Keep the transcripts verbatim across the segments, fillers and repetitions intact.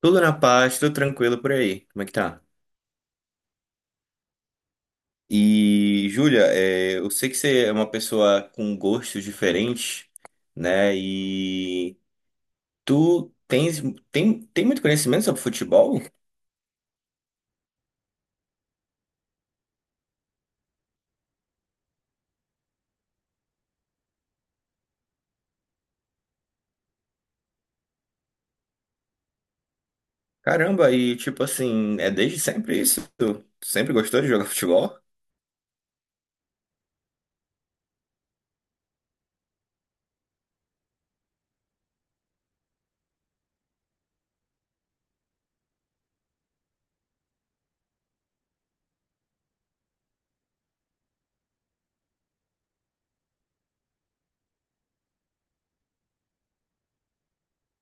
Tudo na paz, tudo tranquilo por aí. Como é que tá? E, Júlia, é, eu sei que você é uma pessoa com gostos diferentes, né? E tu tens, tem, tem muito conhecimento sobre futebol? Caramba, e tipo assim, é desde sempre isso? Tu sempre gostou de jogar futebol?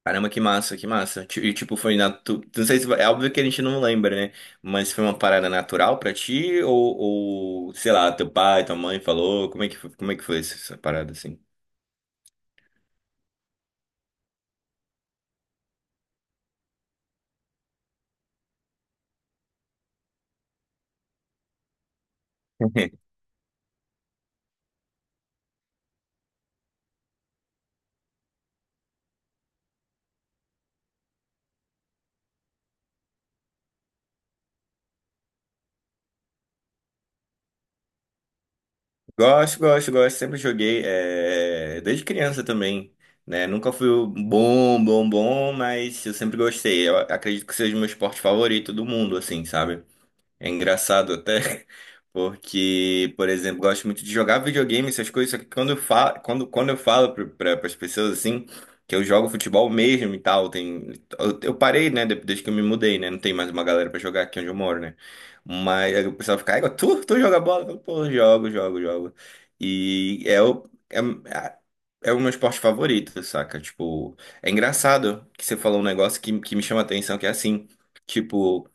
Caramba, que massa, que massa. Ti- E tipo, foi na tu, não sei se é óbvio que a gente não lembra, né? Mas foi uma parada natural pra ti ou, ou sei lá, teu pai, tua mãe falou, como é que foi- como é que foi essa essa parada assim? Gosto, gosto, gosto. Sempre joguei, eh, desde criança também, né? Nunca fui o bom, bom, bom, mas eu sempre gostei. Eu acredito que seja o meu esporte favorito do mundo, assim, sabe? É engraçado até, porque, por exemplo, gosto muito de jogar videogame, essas coisas, só que quando eu falo, quando, quando eu falo para as pessoas assim, que eu jogo futebol mesmo e tal, tem, eu, eu parei, né, de- desde que eu me mudei, né, não tem mais uma galera para jogar aqui onde eu moro, né, mas aí o pessoal fica, "Ai, tu, tu joga bola?" Eu falo, "Pô, jogo, jogo, jogo, e é o, é, é é o meu esporte favorito", saca, tipo, é engraçado que você falou um negócio que, que me chama a atenção, que é assim, tipo,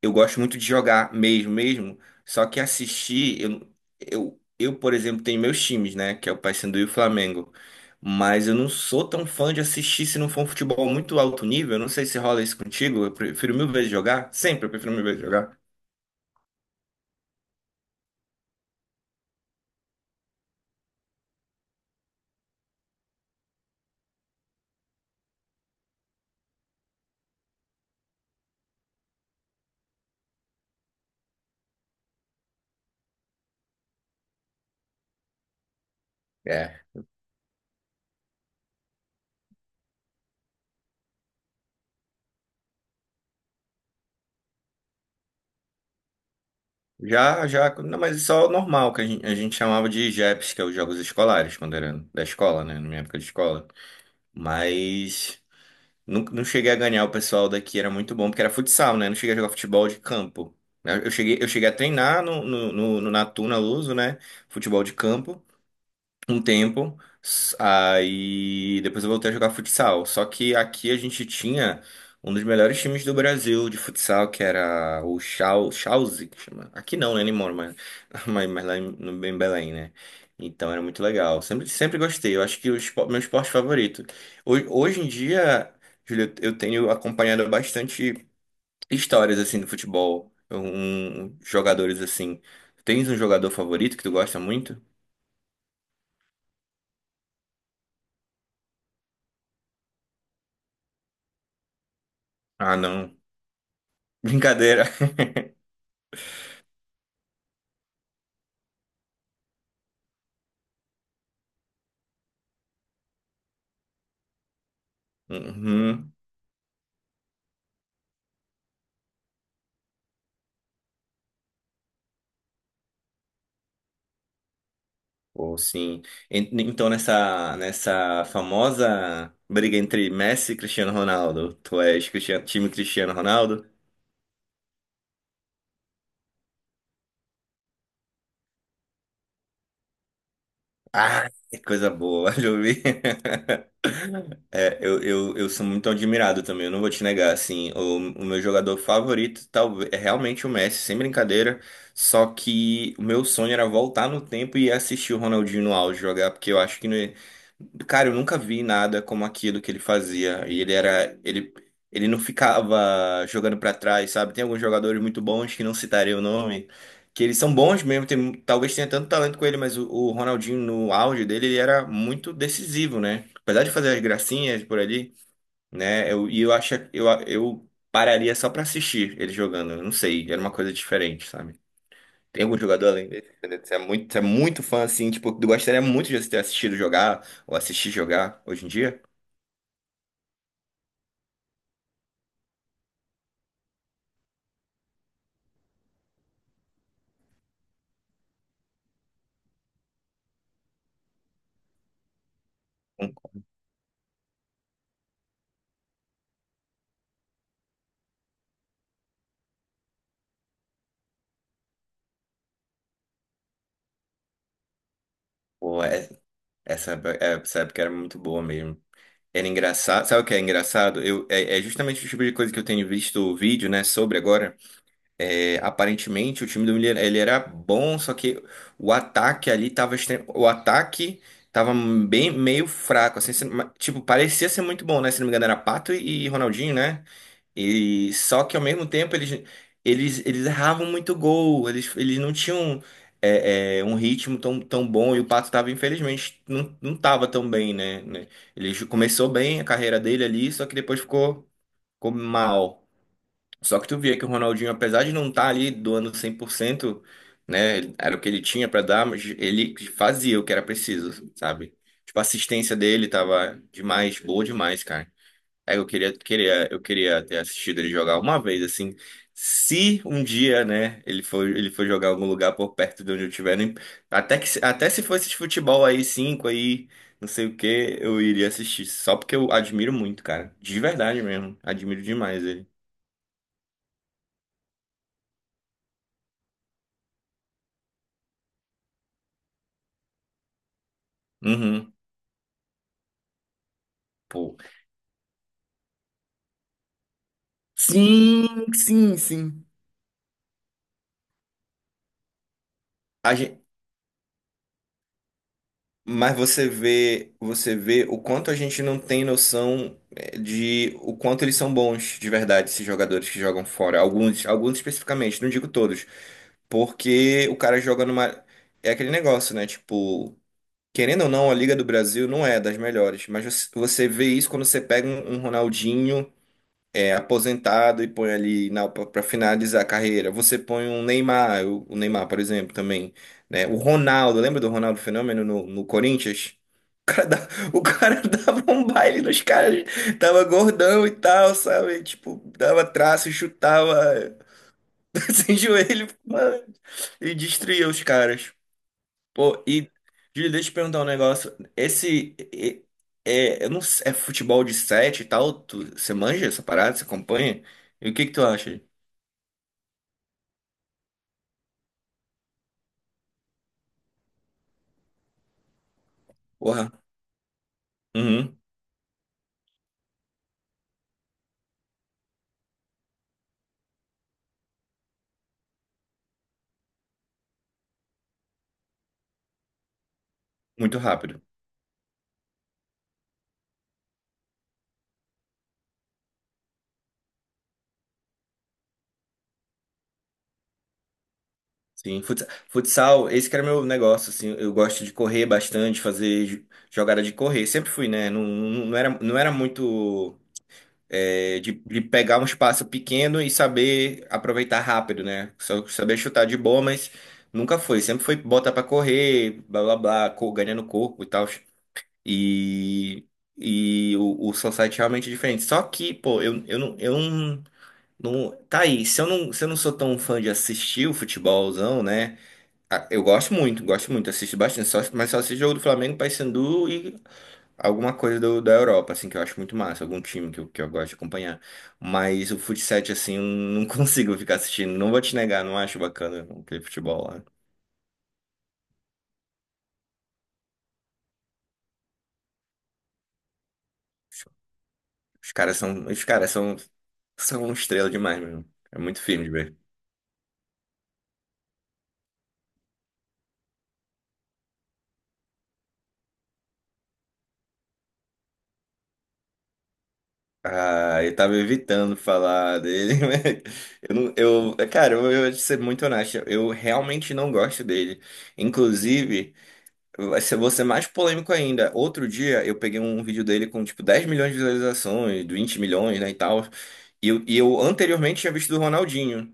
eu gosto muito de jogar mesmo, mesmo. Só que assistir, eu, eu, eu, por exemplo, tenho meus times, né? Que é o Paysandu e o Flamengo. Mas eu não sou tão fã de assistir se não for um futebol muito alto nível. Eu não sei se rola isso contigo. Eu prefiro mil vezes jogar. Sempre eu prefiro mil vezes jogar. É. Já, já. Não, mas isso é o normal, que a gente, a gente chamava de J E Ps, que é os jogos escolares, quando era da escola, né? Na minha época de escola. Mas. Não, não cheguei a ganhar o pessoal daqui, era muito bom, porque era futsal, né? Não cheguei a jogar futebol de campo. Eu eu cheguei, eu cheguei a treinar no, no, no, no- na Luso, né? Futebol de campo um tempo, s- aí depois eu voltei a jogar futsal. Só que aqui a gente tinha um dos melhores times do Brasil de futsal, que era o Chal- Chauzi, que chama. Aqui não, né, nem moro, mas, mas, mas lá em, no, em Belém, né? Então era muito legal. Sempre, sempre gostei. Eu acho que o espo- meu esporte favorito. Hoje, hoje em dia, Júlio, eu tenho acompanhado bastante histórias assim do futebol, um, um, jogadores assim. Tens um jogador favorito que tu gosta muito? Ah, não. Brincadeira. Uhum. Ou sim. En- Então, nessa, nessa famosa briga entre Messi e Cristiano Ronaldo, tu és Cristiano, time Cristiano Ronaldo? Ah, que coisa boa, Jovi. É, eu, eu, eu sou muito admirado também, eu não vou te negar, assim, o, o meu jogador favorito talvez é realmente o Messi, sem brincadeira, só que o meu sonho era voltar no tempo e assistir o Ronaldinho no auge jogar, porque eu acho que, né, cara, eu nunca vi nada como aquilo que ele fazia, e ele era, ele, ele não ficava jogando pra trás, sabe? Tem alguns jogadores muito bons que não citarei o nome, que eles são bons mesmo, tem, talvez tenha tanto talento com ele, mas o, o Ronaldinho no auge dele, ele era muito decisivo, né? Apesar de fazer as gracinhas por ali, né? Eu, e eu acho eu, eu pararia só pra assistir ele jogando. Eu não sei, era uma coisa diferente, sabe? Tem algum jogador além dele? Entendeu? Você é muito, você é muito fã, assim, tipo, eu gostaria muito de ter assistido jogar ou assistir jogar hoje em dia. Hum. Pô, é- essa, é- essa época era muito boa mesmo. Era engraçado. Sabe o que é engraçado? Eu, é, é justamente o tipo de coisa que eu tenho visto o vídeo, né, sobre agora. É, aparentemente o time do Miller ele era bom, só que o ataque ali tava extre- o ataque tava bem meio fraco, assim, se- ma- tipo, parecia ser muito bom, né? Se não me engano era Pato e e Ronaldinho, né? E só que ao mesmo tempo eles eles, eles erravam muito gol, eles, eles não tinham é, é, um ritmo tão, tão bom e o Pato tava infelizmente não, não tava tão bem, né? né? Ele ju- começou bem a carreira dele ali, só que depois ficou, ficou mal. Só que tu via que o Ronaldinho, apesar de não estar ali doando cem por cento, né, era o que ele tinha pra dar, mas ele fazia o que era preciso, sabe? Tipo, a assistência dele tava demais, boa demais, cara. Aí eu queria, queria, eu queria ter assistido ele jogar uma vez, assim. Se um dia, né, ele for, ele for jogar em algum lugar por perto de onde eu estiver, nem- até que, se- até se fosse de futebol aí, cinco aí, não sei o que, eu iria assistir. Só porque eu admiro muito, cara. De verdade mesmo. Admiro demais ele. Uhum. Pô. Sim, sim, sim. A gen- mas você vê, você vê o quanto a gente não tem noção eh, de o quanto eles são bons de verdade, esses jogadores que jogam fora. Alguns, alguns especificamente, não digo todos. Porque o cara joga numa. É aquele negócio, né? Tipo, querendo ou não, a Liga do Brasil não é das melhores. Mas você você vê isso quando você pega um um Ronaldinho. É, aposentado e põe ali na para finalizar a carreira. Você põe um Neymar, o, o Neymar, por exemplo, também, né? O Ronaldo, lembra do Ronaldo Fenômeno no, no Corinthians? O cara, da- o cara dava um baile nos caras, tava gordão e tal, sabe? Tipo, dava traço, chutava sem joelho, mano, e destruía os caras. Pô, e, Júlio, deixa eu te perguntar um negócio. Esse. e- É, eu não sei, é futebol de sete e tal? Tu, você manja essa parada? Você acompanha? E o que que tu acha? Porra. Uhum, muito rápido. Sim, futsal, futsal, esse que era meu negócio, assim. Eu gosto de correr bastante, fazer jo- jogada de correr. Sempre fui, né? Não, não não era, não era muito. É, de, de pegar um espaço pequeno e saber aproveitar rápido, né? Só saber chutar de boa, mas nunca foi. Sempre foi botar pra correr, blá blá blá, co- ganhando corpo e tal. E, e o, o society é realmente diferente. Só que, pô, eu, eu não. Eu não não- tá aí, se eu não, se eu não sou tão fã de assistir o futebolzão, né? Ah, eu gosto muito, gosto muito, assisto bastante, só, mas só assisto jogo do Flamengo, Paysandu e alguma coisa do- da Europa, assim, que eu acho muito massa, algum time que eu, que eu gosto de acompanhar. Mas o futsal, assim, eu não consigo ficar assistindo. Não vou te negar, não acho bacana aquele futebol lá. Os, os caras são, os caras são, são estrela demais, meu. É muito firme de ver. Ah, eu tava evitando falar dele, mas eu não, eu, cara, eu vou ser muito honesto, eu realmente não gosto dele. Inclusive, Vai ser, vou ser mais polêmico ainda. Outro dia eu peguei um vídeo dele com tipo dez milhões de visualizações, vinte milhões, né, e tal. E eu, e eu anteriormente tinha visto do Ronaldinho.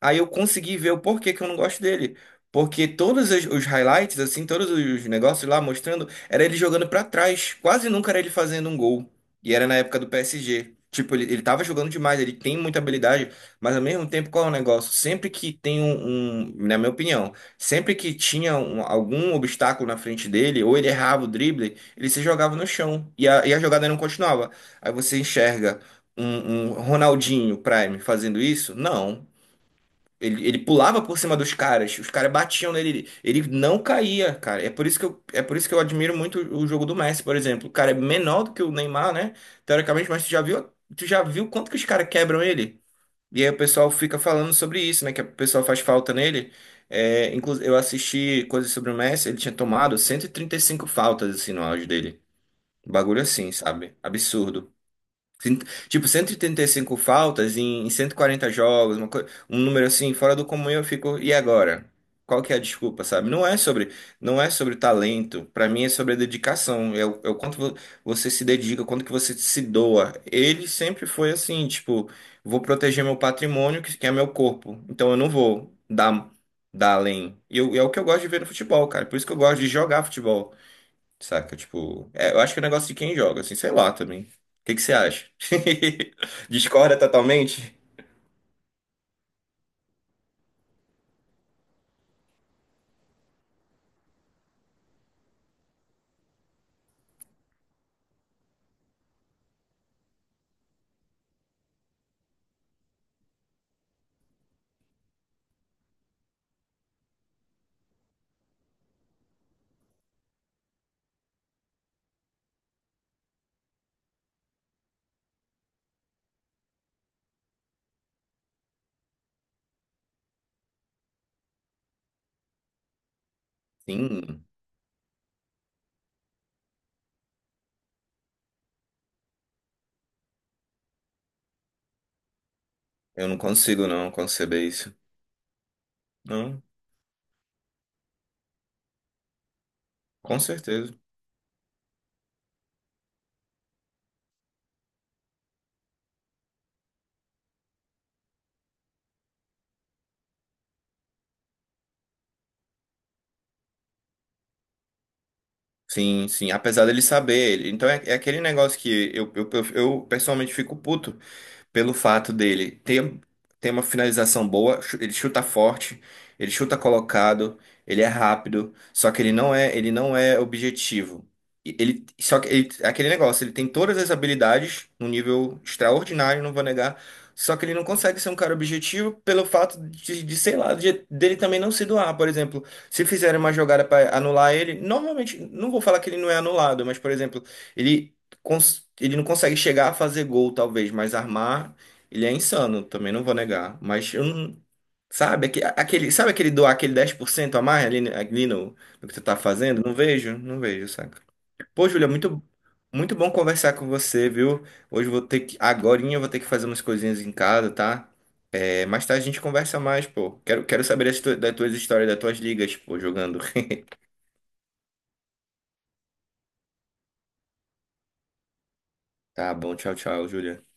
Aí eu consegui ver o porquê que eu não gosto dele. Porque todos os os highlights, assim, todos os negócios lá mostrando, era ele jogando pra trás. Quase nunca era ele fazendo um gol. E era na época do P S G. Tipo, ele, ele tava jogando demais, ele tem muita habilidade, mas ao mesmo tempo, qual é o negócio? Sempre que tem um, um- na minha opinião. Sempre que tinha um- algum obstáculo na frente dele, ou ele errava o drible, ele se jogava no chão e a, e a jogada não continuava. Aí você enxerga um, um Ronaldinho Prime fazendo isso? Não. Ele, ele pulava por cima dos caras, os caras batiam nele, ele, ele, não caía, cara. É por isso que eu, é por isso que eu admiro muito o jogo do Messi, por exemplo. O cara é menor do que o Neymar, né? Teoricamente, mas tu já viu, tu já viu quanto que os caras quebram ele? E aí o pessoal fica falando sobre isso, né? Que o pessoal faz falta nele. É, inclusive, eu assisti coisas sobre o Messi, ele tinha tomado cento e e trinta e cinco faltas, assim, no auge dele. Um bagulho assim, sabe? Absurdo. Cin- Tipo, cento e oitenta e cinco faltas em em cento e quarenta jogos, uma coi- um número assim, fora do comum, eu fico, e agora? Qual que é a desculpa, sabe? Não é sobre, não é sobre talento, pra mim é sobre a dedicação, é o, é o quanto vo- você se dedica, o quanto que você se doa. Ele sempre foi assim, tipo, vou proteger meu patrimônio, que que é meu corpo, então eu não vou dar, dar além. E eu- é o que eu gosto de ver no futebol, cara, por isso que eu gosto de jogar futebol. Saca? Tipo, é, eu acho que é um negócio de quem joga, assim, sei lá também. O que que você acha? Discorda totalmente? Sim, eu não consigo não conceber isso. Não, com certeza. Sim, sim, apesar dele saber. Ele, então é, é aquele negócio que eu, eu, eu, eu, pessoalmente fico puto. Pelo fato dele ter, ter uma finalização boa, chu- ele chuta forte, ele chuta colocado, ele é rápido, só que ele não é, ele não é objetivo. E Ele, só que ele, é aquele negócio, ele tem todas as habilidades num nível extraordinário, não vou negar, só que ele não consegue ser um cara objetivo pelo fato de, de, sei lá, de- dele também não se doar, por exemplo. Se fizerem uma jogada para anular ele, normalmente, não vou falar que ele não é anulado, mas, por exemplo, ele cons- ele não consegue chegar a fazer gol, talvez, mas armar, ele é insano, também não vou negar. Mas eu não. Sabe, aque- aquele, sabe aquele doar aquele dez por cento a mais ali, ali no, no que tu tá fazendo? Não vejo, não vejo, saca? Pô, Júlia, muito, muito bom conversar com você, viu? Hoje eu vou ter que, agorinha eu vou ter que fazer umas coisinhas em casa, tá? É, mais tarde a gente conversa mais, pô. Quero, quero saber as tu- das tuas histórias, das tuas ligas, pô, jogando. Tá bom, tchau, tchau, Júlia.